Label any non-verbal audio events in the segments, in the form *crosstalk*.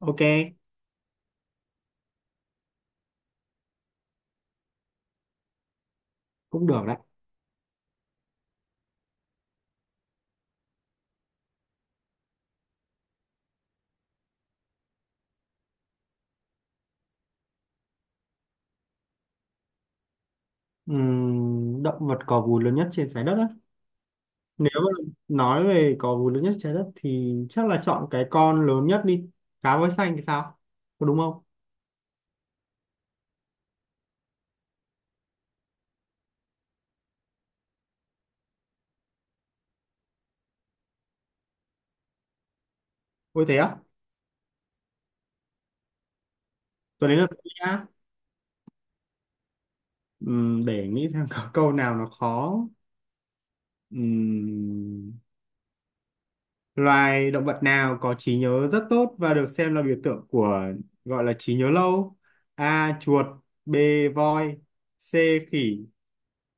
Ok, cũng được đấy. Động vật có vú lớn nhất trên trái đất á. Nếu mà nói về có vú lớn nhất trên trái đất thì chắc là chọn cái con lớn nhất đi. Cá voi xanh thì sao? Có đúng không? Ôi thế á? Tôi đến là tôi nhá. Để nghĩ xem có câu nào nó khó. Ừm, Loài động vật nào có trí nhớ rất tốt và được xem là biểu tượng của gọi là trí nhớ lâu? A. Chuột. B. Voi. C. Khỉ.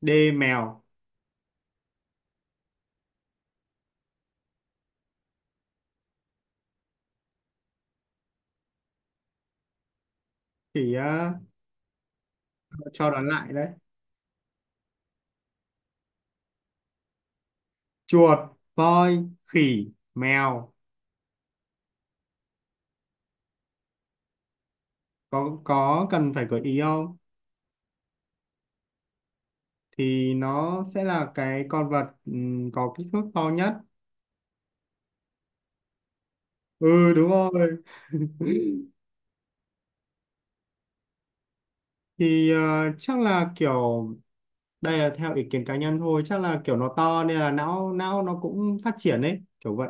D. Mèo. Khỉ á, cho đoán lại đấy. Chuột, voi, khỉ, mèo. Có cần phải gợi ý không? Thì nó sẽ là cái con vật có kích thước to nhất. Ừ đúng rồi. *laughs* Thì chắc là kiểu đây là theo ý kiến cá nhân thôi, chắc là kiểu nó to nên là não não nó cũng phát triển ấy kiểu vậy.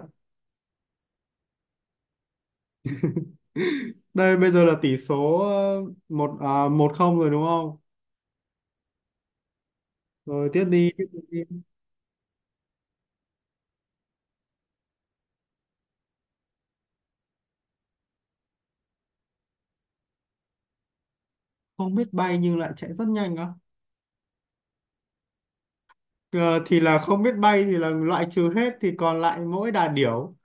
Đây bây giờ là tỷ số một à, 1-0 rồi đúng không? Rồi tiếp đi tiếp đi. Không biết bay nhưng lại chạy rất nhanh á. Ờ, thì là không biết bay thì là loại trừ hết thì còn lại mỗi đà điểu.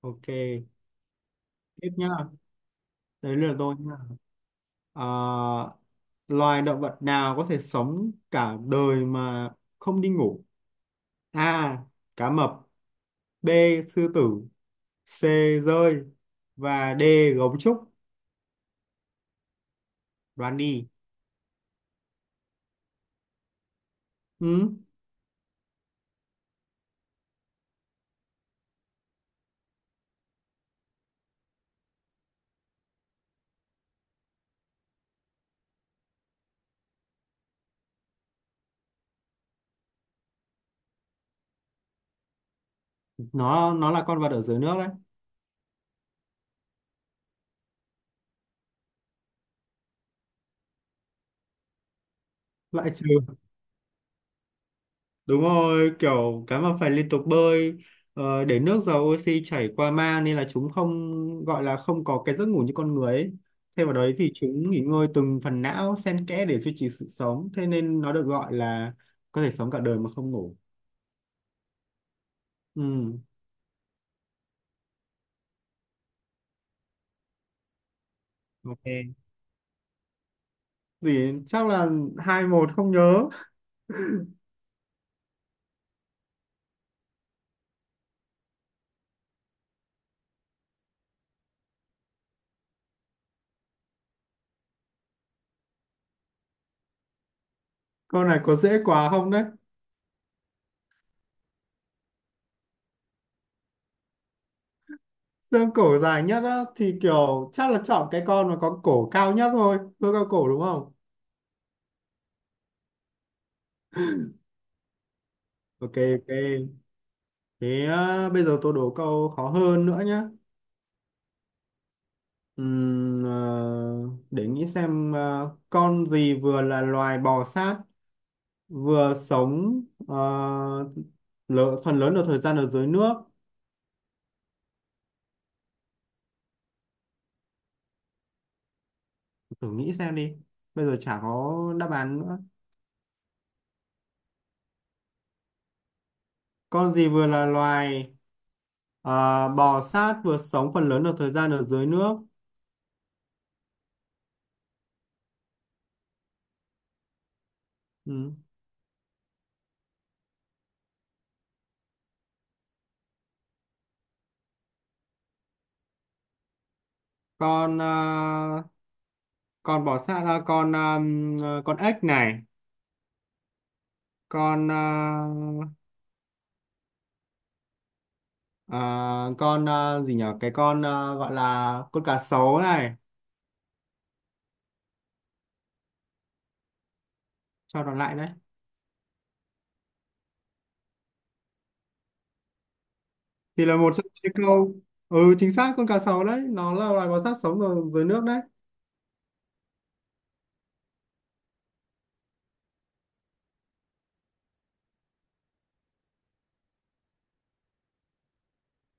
Ok, tiếp nhá. Đấy là tôi nhá. Ờ, loài động vật nào có thể sống cả đời mà không đi ngủ? A. Cá mập. B. Sư tử. C. Rơi. Và D. Gấu trúc. Đoán đi. Ừ, nó là con vật ở dưới nước đấy. Loại trừ. Đúng rồi, kiểu cá mập phải liên tục bơi, để nước giàu oxy chảy qua mang nên là chúng không gọi là không có cái giấc ngủ như con người ấy. Thêm vào đấy thì chúng nghỉ ngơi từng phần não xen kẽ để duy trì sự sống, thế nên nó được gọi là có thể sống cả đời mà không ngủ. Ừ, ok. Thì chắc là 2-1, không nhớ. Con này có dễ quá không đấy? Xương cổ dài nhất á, thì kiểu chắc là chọn cái con mà có cổ cao nhất thôi. Tôi cao cổ đúng không? Ok, ok. Thế à, bây giờ tôi đố câu khó hơn nữa nhé. Ừm, ờ, để nghĩ xem con gì vừa là loài bò sát, vừa sống ờ, phần lớn được thời gian ở dưới nước. Thử nghĩ xem đi. Bây giờ chả có đáp án nữa. Con gì vừa là loài ờ, bò sát, vừa sống phần lớn được thời gian ở dưới nước? Ừm, Con con bò sát, à, con con ếch này, con À, con à, gì nhở, cái con à, gọi là con cá sấu này, cho nó lại đấy. Thì là một trong những câu. Ừ chính xác, con cá sấu đấy, nó là loài bò sát sống ở dưới nước đấy.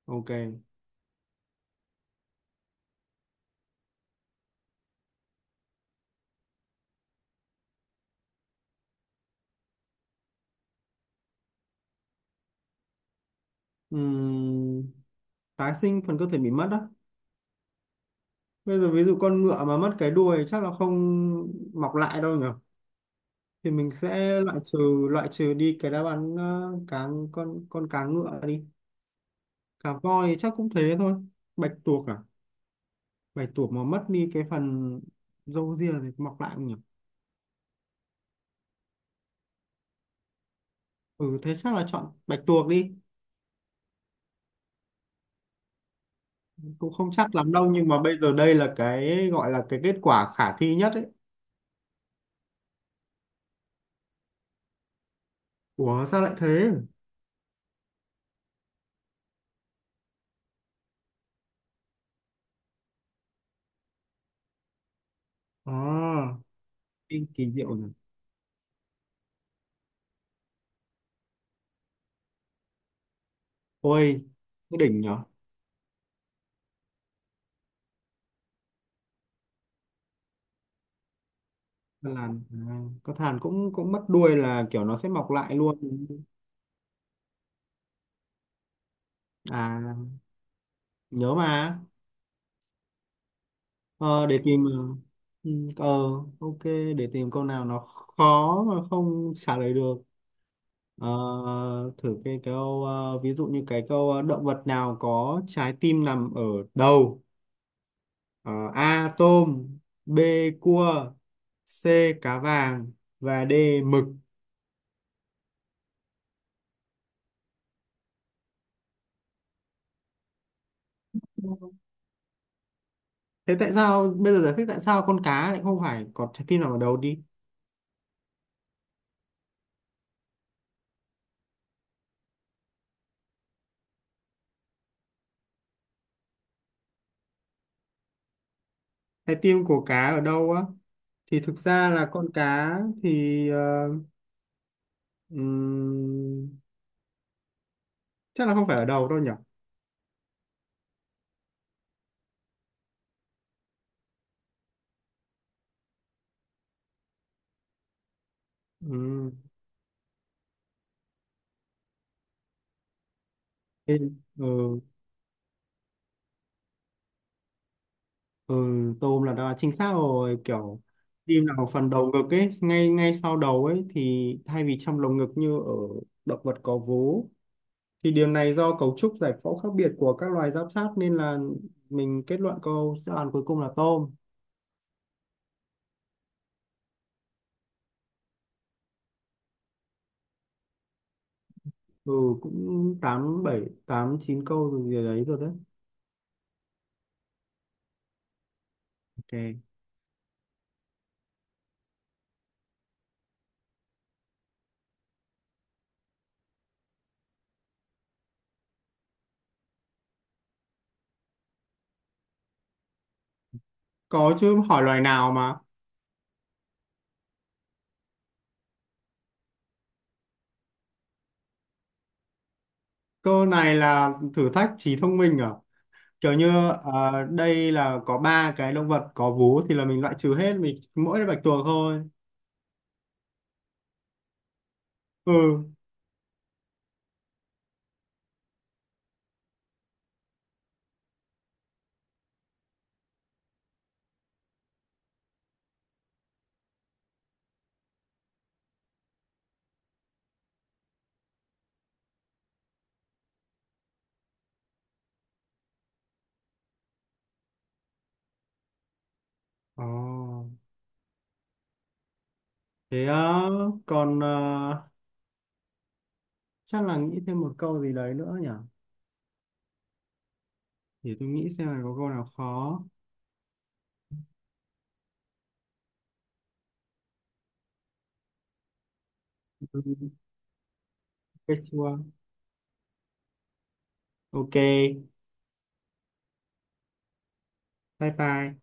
Ok. Ừm, Tái sinh phần cơ thể bị mất đó. Bây giờ ví dụ con ngựa mà mất cái đuôi chắc là không mọc lại đâu nhở. Thì mình sẽ loại trừ, loại trừ đi cái đáp án cá, con cá ngựa đi. Cá voi thì chắc cũng thế thôi. Bạch tuộc à, bạch tuộc mà mất đi cái phần râu ria thì mọc lại không nhỉ? Ừ thế chắc là chọn bạch tuộc đi. Cũng không chắc lắm đâu nhưng mà bây giờ đây là cái gọi là cái kết quả khả thi nhất ấy. Ủa sao lại thế? À, kinh kỳ diệu nhỉ. Ôi, cái đỉnh nhở. Con làn à, có thàn cũng cũng mất đuôi là kiểu nó sẽ mọc lại luôn. À, nhớ mà. Ờ, để tìm ừ, ờ ok, để tìm câu nào nó khó mà không trả lời được. Ờ, thử cái câu ví dụ như cái câu động vật nào có trái tim nằm ở đầu? Ờ, A. Tôm. B. Cua. C. Cá vàng. Và D. Mực. Thế tại sao bây giờ giải thích tại sao con cá lại không phải có trái tim nằm ở đầu đi. Trái tim của cá ở đâu á? Thì thực ra là con cá thì ừm, chắc là không phải ở đầu đâu nhỉ. Ừm, ừ, ừ, tôm là đã chính xác rồi kiểu. Tim nào phần đầu ngực ấy, ngay ngay sau đầu ấy thì thay vì trong lồng ngực như ở động vật có vú thì điều này do cấu trúc giải phẫu khác biệt của các loài giáp sát nên là mình kết luận câu đáp án cuối cùng là tôm. Ừ, cũng tám bảy tám chín câu rồi gì đấy rồi đấy. Ok. Có chứ, hỏi loài nào mà. Câu này là thử thách trí thông minh à, kiểu như đây là có ba cái động vật có vú thì là mình loại trừ hết, mình mỗi bạch tuộc thôi. Ừ. Ồ. Thế còn chắc là nghĩ thêm một câu gì đấy nữa nhỉ, để tôi nghĩ xem là có câu nào khó. Ừ, cái ok, bye bye.